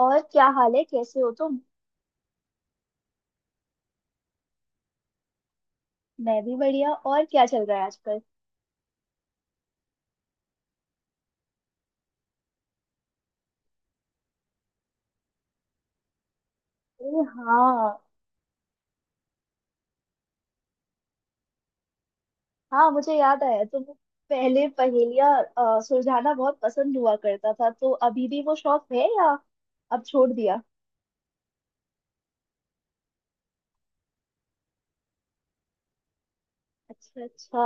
और क्या हाल है, कैसे हो तुम? मैं भी बढ़िया। और क्या चल रहा है आजकल? अरे हाँ, हाँ मुझे याद आया, तुम पहले पहेलियाँ सुलझाना बहुत पसंद हुआ करता था। तो अभी भी वो शौक है या अब छोड़ दिया? अच्छा अच्छा।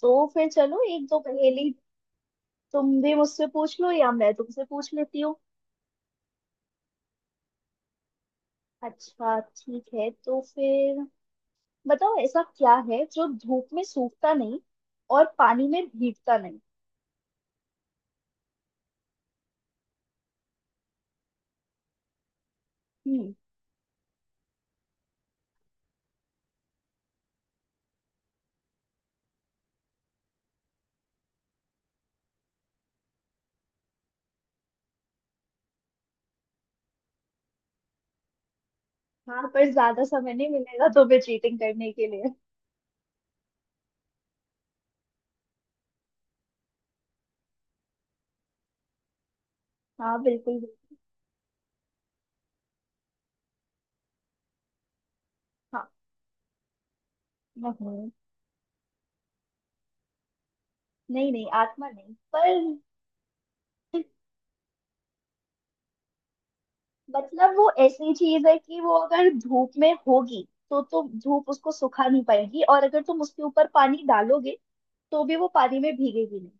तो फिर चलो एक दो पहेली, तुम भी मुझसे पूछ लो या मैं तुमसे पूछ लेती हूँ। अच्छा ठीक है, तो फिर बताओ, ऐसा क्या है जो धूप में सूखता नहीं और पानी में भीगता नहीं? हाँ पर ज्यादा समय नहीं मिलेगा तुम्हें चीटिंग करने के लिए। हाँ बिल्कुल बिल्कुल। हाँ, नहीं नहीं, नहीं आत्मा नहीं, पर मतलब वो ऐसी चीज है कि वो अगर धूप में होगी तो धूप उसको सुखा नहीं पाएगी, और अगर तुम उसके ऊपर पानी डालोगे तो भी वो पानी में भीगेगी नहीं।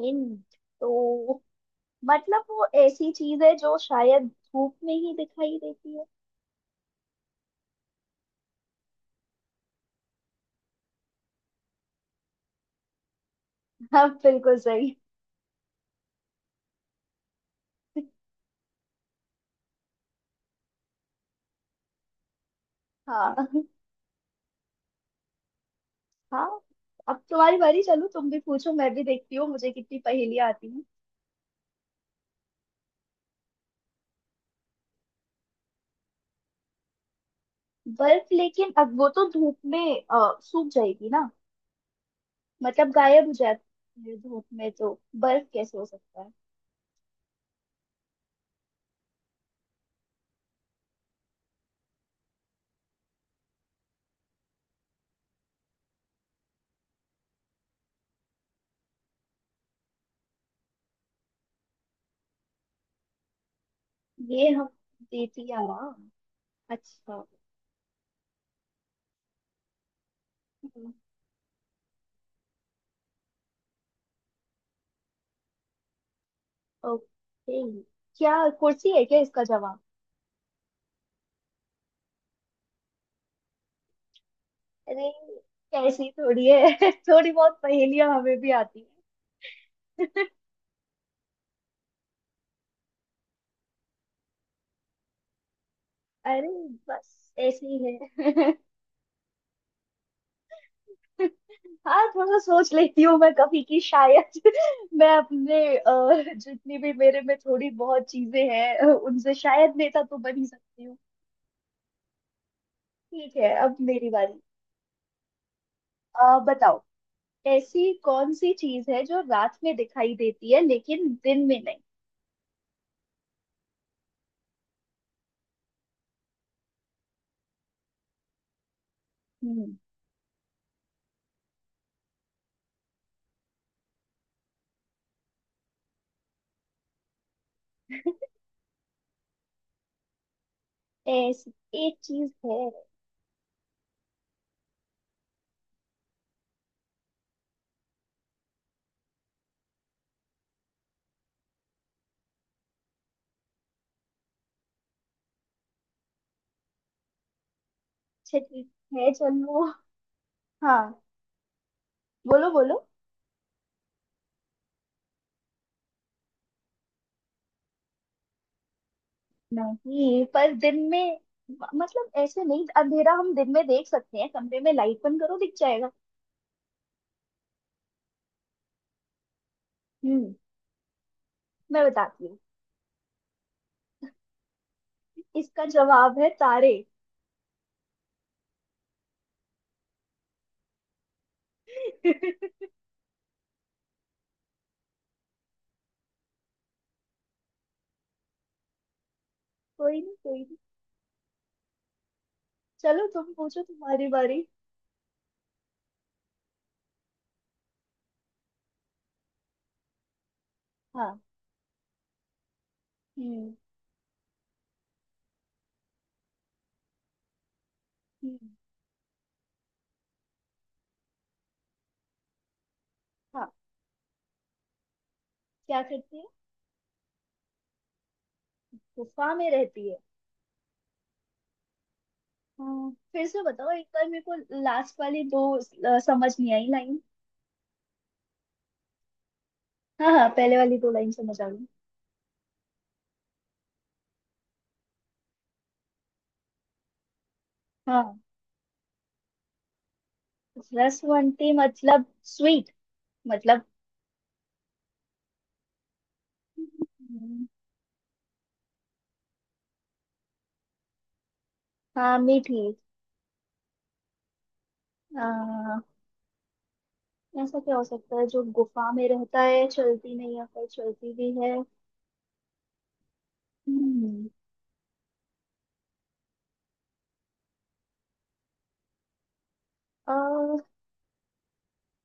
हिंट तो मतलब वो ऐसी चीज है जो शायद धूप में ही दिखाई देती है। हाँ बिल्कुल सही। हाँ हाँ, अब तुम्हारी बारी। चलो तुम भी पूछो, मैं भी देखती हूँ मुझे कितनी पहेलियां आती हैं। बर्फ लेकिन अब वो तो धूप में सूख जाएगी ना। मतलब गायब हो जाती है धूप में, तो बर्फ कैसे हो सकता है? ये हम देती आराम। अच्छा। ओके। क्या, कुर्सी है क्या इसका जवाब? अरे, ऐसी थोड़ी है थोड़ी बहुत पहेलियां हमें भी आती है। अरे बस ऐसी ही है। हाँ थोड़ा सोच लेती हूँ, मैं कभी की शायद मैं अपने जितनी भी मेरे में थोड़ी बहुत चीजें हैं, उनसे शायद नेता तो बन ही सकती हूँ। ठीक है, अब मेरी बारी। बताओ, ऐसी कौन सी चीज है जो रात में दिखाई देती है लेकिन दिन में नहीं? हम्म। ऐसी एक चीज है। अच्छा ठीक है चलो। हाँ बोलो बोलो। नहीं पर दिन में, मतलब ऐसे नहीं, अंधेरा हम दिन में देख सकते हैं, कमरे में लाइट बंद करो दिख जाएगा। हम्म। मैं बताती हूँ, इसका जवाब है तारे। कोई नहीं कोई नहीं, चलो तुम पूछो, तुम्हारी बारी। हाँ। हम्म। हम्म, हाँ। क्या करती है? गुफा में रहती है? हाँ फिर से बताओ एक बार मेरे को, लास्ट वाली दो समझ नहीं आई लाइन। हाँ हाँ, पहले वाली दो लाइन समझ आ गई। हाँ। रसवंती मतलब स्वीट मतलब। हम्म, हाँ मीठी। आ, ऐसा क्या हो सकता है जो गुफा में रहता है, चलती नहीं है पर चलती भी है? हम्म, अ,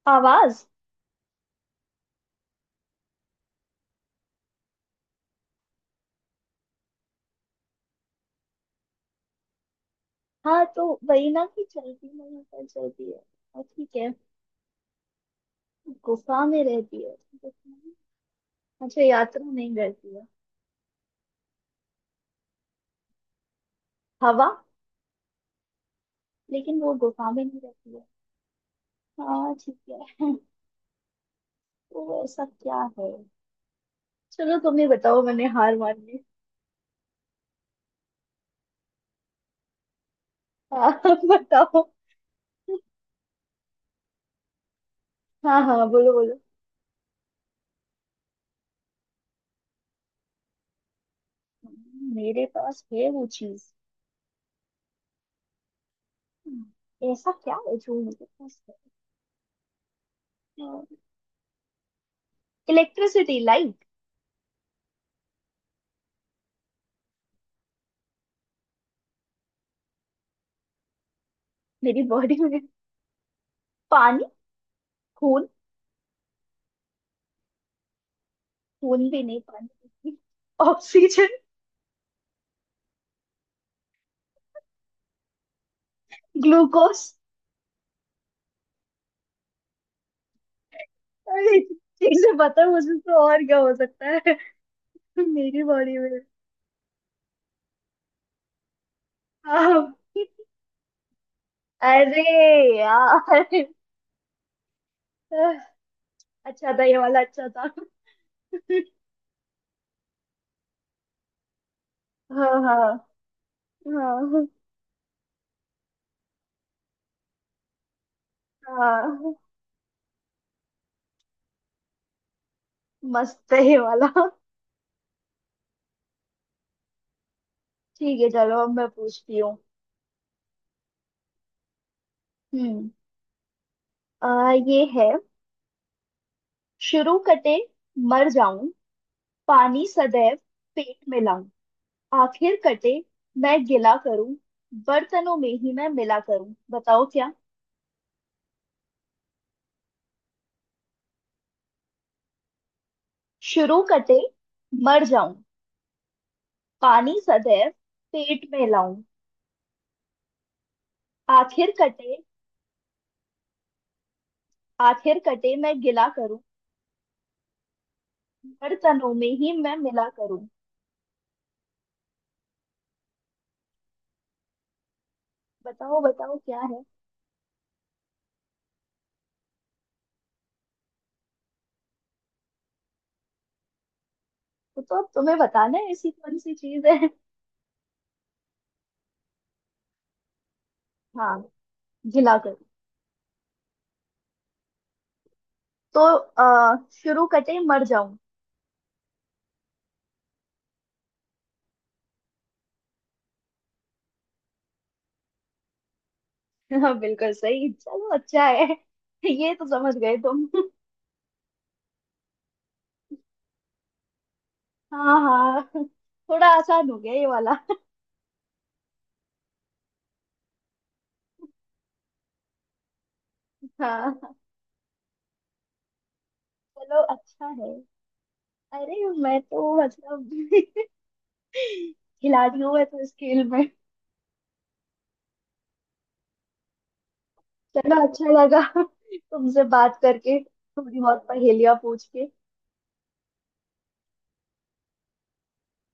आवाज। हाँ तो वही ना कि चलती नहीं पर चलती है, और ठीक है गुफा में रहती है गुफा में-। अच्छा, यात्रा नहीं करती है। हवा, लेकिन वो गुफा में नहीं रहती है। हाँ ठीक है। तो ऐसा क्या है? चलो तुम ही बताओ, मैंने हार मान ली। हाँ। बताओ। हाँ हाँ बोलो बोलो। मेरे पास है वो चीज? ऐसा क्या है जो मेरे पास है? Electricity, light. मेरी बॉडी में? पानी, खून। खून भी नहीं, पानी, ऑक्सीजन, ग्लूकोज। अरे, चीजें पता है मुझे। तो और क्या हो सकता है मेरी बॉडी में? हाँ। अरे यार, अच्छा था ये वाला, अच्छा था। हाँ हाँ। हाँ हाँ। मस्त है ये वाला। ठीक है चलो, अब मैं पूछती हूँ। हम्म। ये है, शुरू कटे मर जाऊं, पानी सदैव पेट में, आखिर कटे मैं गिला करूं, बर्तनों में ही मैं मिला करूं। बताओ क्या। शुरू कटे मर जाऊं, पानी सदैव पेट में लाऊं, आखिर कटे, आखिर कटे मैं गिला करूं, बर्तनों में ही मैं मिला करूं। बताओ बताओ क्या है। वो तो अब तुम्हें बताना है, ऐसी कौन सी चीज है। हाँ, गिला करूं। तो शुरू कटे मर जाऊं। हाँ बिल्कुल सही, चलो अच्छा है, ये तो समझ गए तुम। हाँ हाँ, थोड़ा आसान हो गया ये वाला। हाँ। चलो अच्छा है। अरे मैं तो मतलब खिलाड़ी हूँ मैं तो इस खेल में। चलो अच्छा लगा तुमसे बात करके, थोड़ी बहुत पहेलियाँ पूछ के।